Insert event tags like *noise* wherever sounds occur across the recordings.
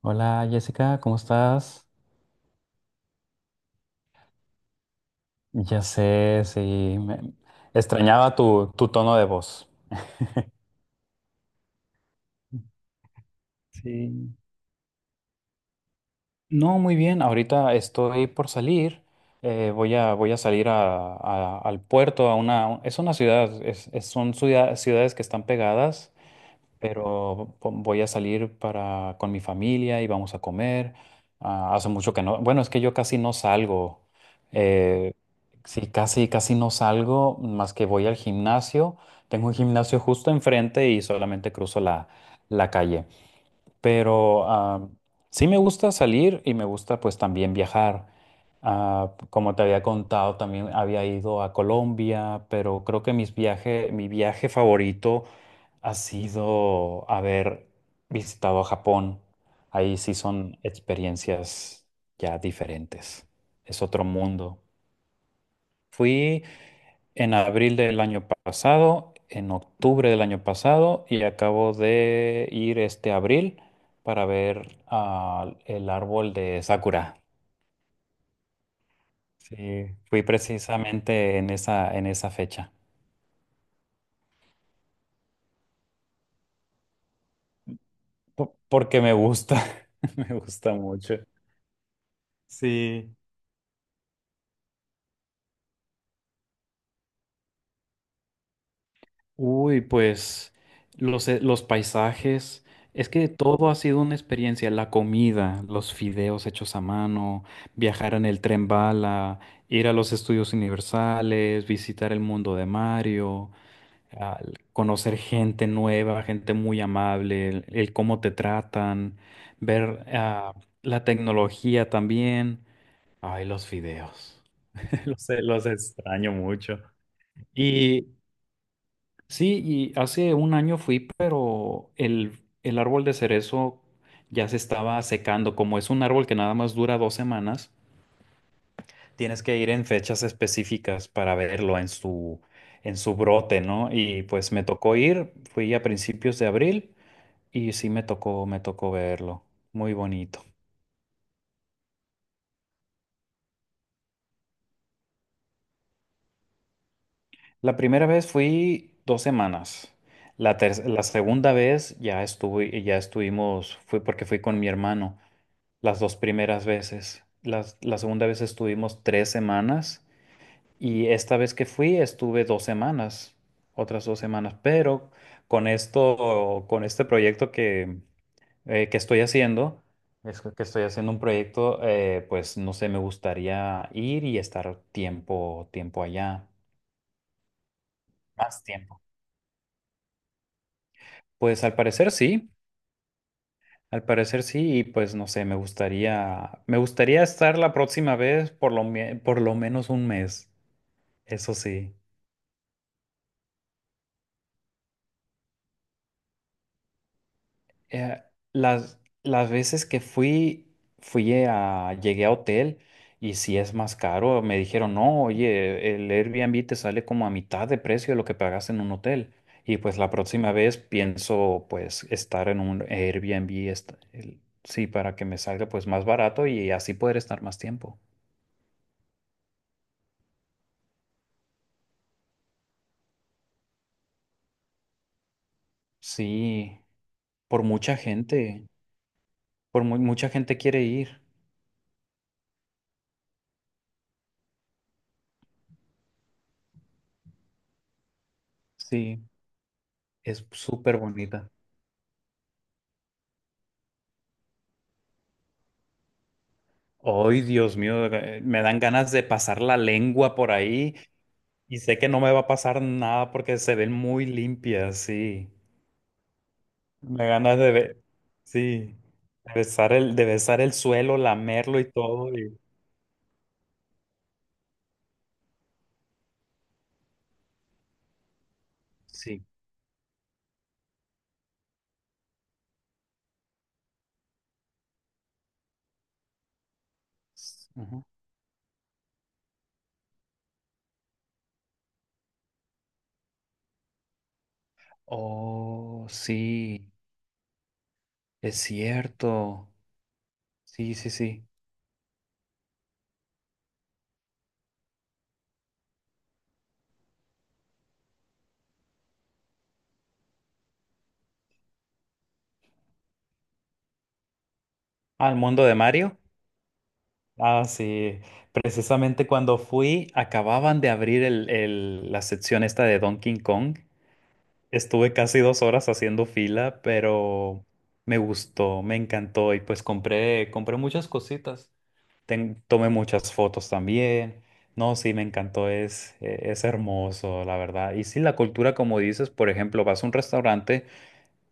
Hola Jessica, ¿cómo estás? Ya sé, sí, me- extrañaba tu tono de voz. Sí. No, muy bien, ahorita estoy por salir, voy a salir al puerto, es una ciudad, ciudades que están pegadas. Pero voy a salir para con mi familia y vamos a comer. Ah, hace mucho que no. Bueno, es que yo casi no salgo. Eh, sí, casi, casi no salgo, más que voy al gimnasio. Tengo un gimnasio justo enfrente y solamente cruzo la calle. Pero sí me gusta salir y me gusta pues también viajar. Ah, como te había contado, también había ido a Colombia, pero creo que mi viaje favorito ha sido haber visitado Japón. Ahí sí son experiencias ya diferentes. Es otro mundo. Fui en abril del año pasado, en octubre del año pasado y acabo de ir este abril para ver el árbol de Sakura. Sí, fui precisamente en esa fecha, porque me gusta. *laughs* Me gusta mucho. Sí. Uy, pues los paisajes, es que todo ha sido una experiencia, la comida, los fideos hechos a mano, viajar en el tren bala, ir a los estudios universales, visitar el mundo de Mario, al conocer gente nueva, gente muy amable, el cómo te tratan, ver la tecnología también. Ay, los fideos, *laughs* los extraño mucho. Y sí, y hace un año fui, pero el árbol de cerezo ya se estaba secando. Como es un árbol que nada más dura 2 semanas, tienes que ir en fechas específicas para verlo en su brote, ¿no? Y pues me tocó ir, fui a principios de abril y sí me tocó verlo. Muy bonito. La primera vez fui 2 semanas. La segunda vez ya estuve, ya estuvimos, fui porque fui con mi hermano. Las dos primeras veces. La segunda vez estuvimos 3 semanas y esta vez que fui estuve 2 semanas, otras 2 semanas. Pero con este proyecto que estoy haciendo, es que estoy haciendo un proyecto, pues no sé, me gustaría ir y estar tiempo allá, más tiempo. Pues al parecer sí. Al parecer sí, y pues no sé, me gustaría estar la próxima vez por lo menos un mes. Eso sí. Eh, las veces que fui, llegué a hotel y si es más caro, me dijeron, no, oye, el Airbnb te sale como a mitad de precio de lo que pagas en un hotel. Y pues la próxima vez pienso pues estar en un Airbnb, sí, para que me salga pues más barato y así poder estar más tiempo. Sí, por mucha gente, mucha gente quiere ir. Sí, es súper bonita. Ay, Dios mío, me dan ganas de pasar la lengua por ahí y sé que no me va a pasar nada porque se ven muy limpias, sí. Me dan ganas sí, de besar el suelo, lamerlo y todo. Sí. Ujú. Oh, sí, es cierto. Sí, sí, sí. ¿Al mundo de Mario? Ah, sí. Precisamente cuando fui, acababan de abrir la sección esta de Donkey Kong. Estuve casi 2 horas haciendo fila, pero me gustó, me encantó y pues compré muchas cositas. Tomé muchas fotos también. No, sí, me encantó, es hermoso, la verdad. Y sí, la cultura, como dices, por ejemplo, vas a un restaurante,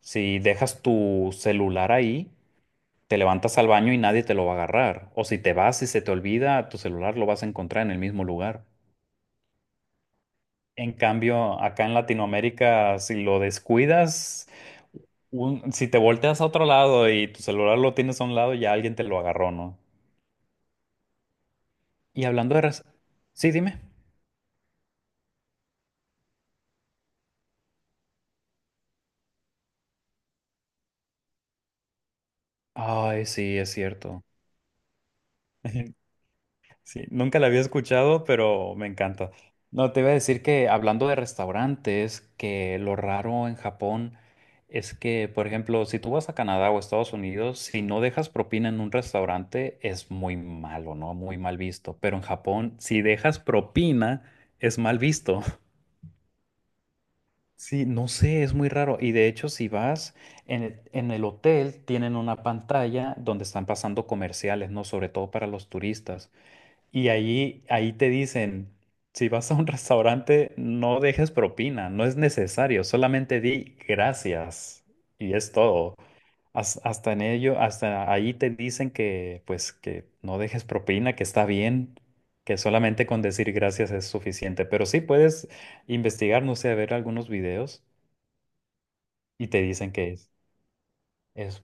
si dejas tu celular ahí, te levantas al baño y nadie te lo va a agarrar. O si te vas y se te olvida, tu celular lo vas a encontrar en el mismo lugar. En cambio, acá en Latinoamérica, si lo descuidas, si te volteas a otro lado y tu celular lo tienes a un lado, ya alguien te lo agarró, ¿no? Y hablando de... raz- Sí, dime. Ay, sí, es cierto. *laughs* Sí, nunca la había escuchado, pero me encanta. No, te iba a decir que hablando de restaurantes, que lo raro en Japón es que, por ejemplo, si tú vas a Canadá o Estados Unidos, si no dejas propina en un restaurante, es muy malo, ¿no? Muy mal visto. Pero en Japón, si dejas propina, es mal visto. *laughs* Sí, no sé, es muy raro. Y de hecho, si vas en el hotel, tienen una pantalla donde están pasando comerciales, ¿no? Sobre todo para los turistas. Y ahí te dicen, si vas a un restaurante, no dejes propina, no es necesario, solamente di gracias y es todo. Hasta ahí te dicen que no dejes propina, que está bien, que solamente con decir gracias es suficiente. Pero sí puedes investigar, no sé, ver algunos videos y te dicen que es.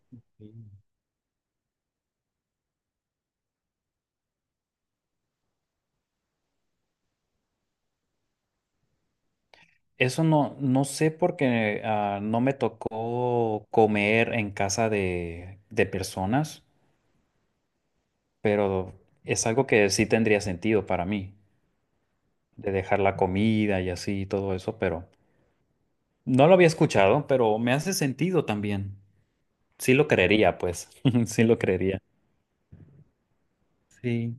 Eso no, no sé porque no me tocó comer en casa de personas, pero es algo que sí tendría sentido para mí, de dejar la comida y así y todo eso, pero no lo había escuchado, pero me hace sentido también. Sí lo creería, pues, *laughs* sí lo creería. Sí.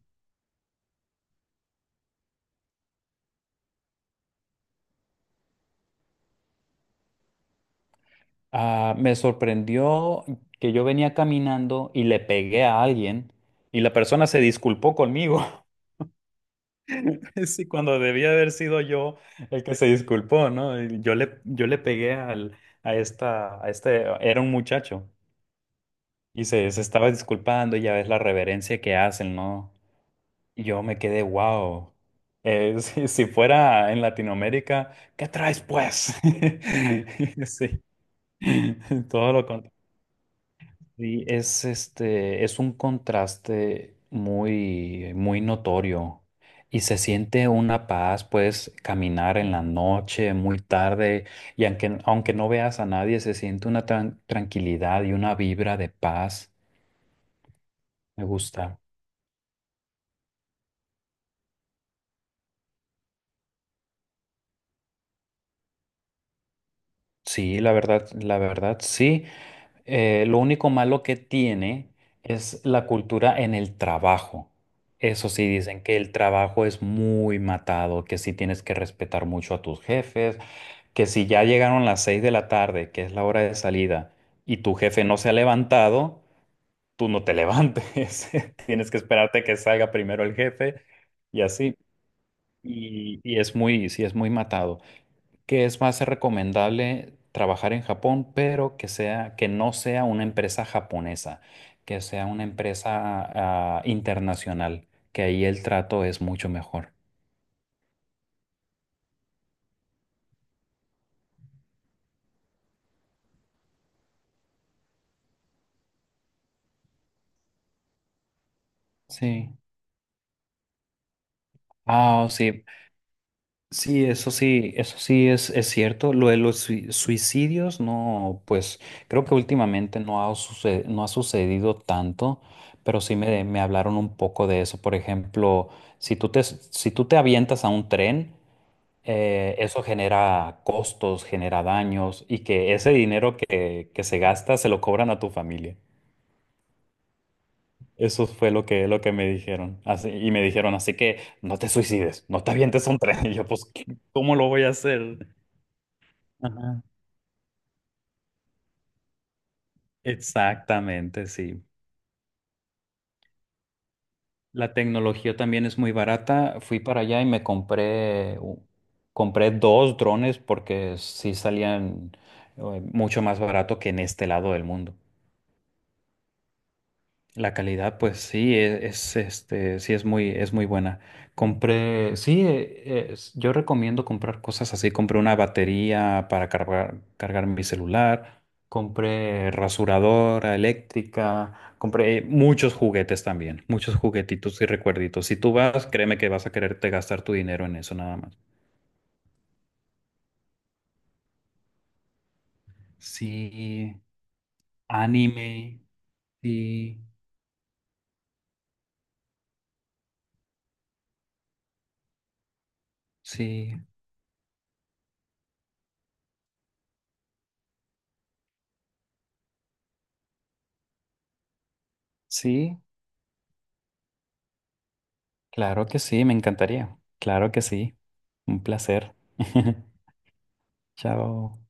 Ah, me sorprendió que yo venía caminando y le pegué a alguien y la persona se disculpó conmigo. *laughs* Sí, cuando debía haber sido yo el que se disculpó, ¿no? Y yo le pegué a este, era un muchacho y se estaba disculpando y ya ves la reverencia que hacen, ¿no? Y yo me quedé, wow. *laughs* Si fuera en Latinoamérica, ¿qué traes pues? *laughs* Sí, todo lo contrario. Sí, es este, es un contraste muy, muy notorio y se siente una paz, puedes caminar en la noche, muy tarde, y aunque no veas a nadie, se siente una tranquilidad y una vibra de paz. Me gusta. Sí, la verdad, sí. Lo único malo que tiene es la cultura en el trabajo. Eso sí, dicen que el trabajo es muy matado, que sí tienes que respetar mucho a tus jefes que si ya llegaron las 6 de la tarde, que es la hora de salida, y tu jefe no se ha levantado, tú no te levantes. *laughs* Tienes que esperarte que salga primero el jefe y así. Y es muy, sí, es muy matado. Que es más recomendable trabajar en Japón, pero que sea, que no sea una empresa japonesa, que sea una empresa internacional, que ahí el trato es mucho mejor. Sí. Ah, oh, sí, sí, eso sí, eso sí es cierto. Lo de los suicidios, no, pues creo que últimamente no ha sucedido tanto, pero sí me hablaron un poco de eso. Por ejemplo, si tú te avientas a un tren, eso genera costos, genera daños y que ese dinero que se gasta se lo cobran a tu familia. Eso fue lo que me dijeron. Así, y me dijeron, así que no te suicides, no te avientes a un tren. *laughs* Y yo, pues, ¿cómo lo voy a hacer? Ajá. Exactamente, sí. La tecnología también es muy barata. Fui para allá y compré dos drones porque sí salían mucho más barato que en este lado del mundo. La calidad, pues sí, es, este, sí es muy buena. Compré, sí, yo recomiendo comprar cosas así. Compré una batería para cargar mi celular, compré rasuradora eléctrica, compré muchos juguetes también, muchos juguetitos y recuerditos. Si tú vas, créeme que vas a quererte gastar tu dinero en eso nada más. Sí, anime, sí, sí, sí. Claro que sí, me encantaría. Claro que sí. Un placer. *laughs* Chao.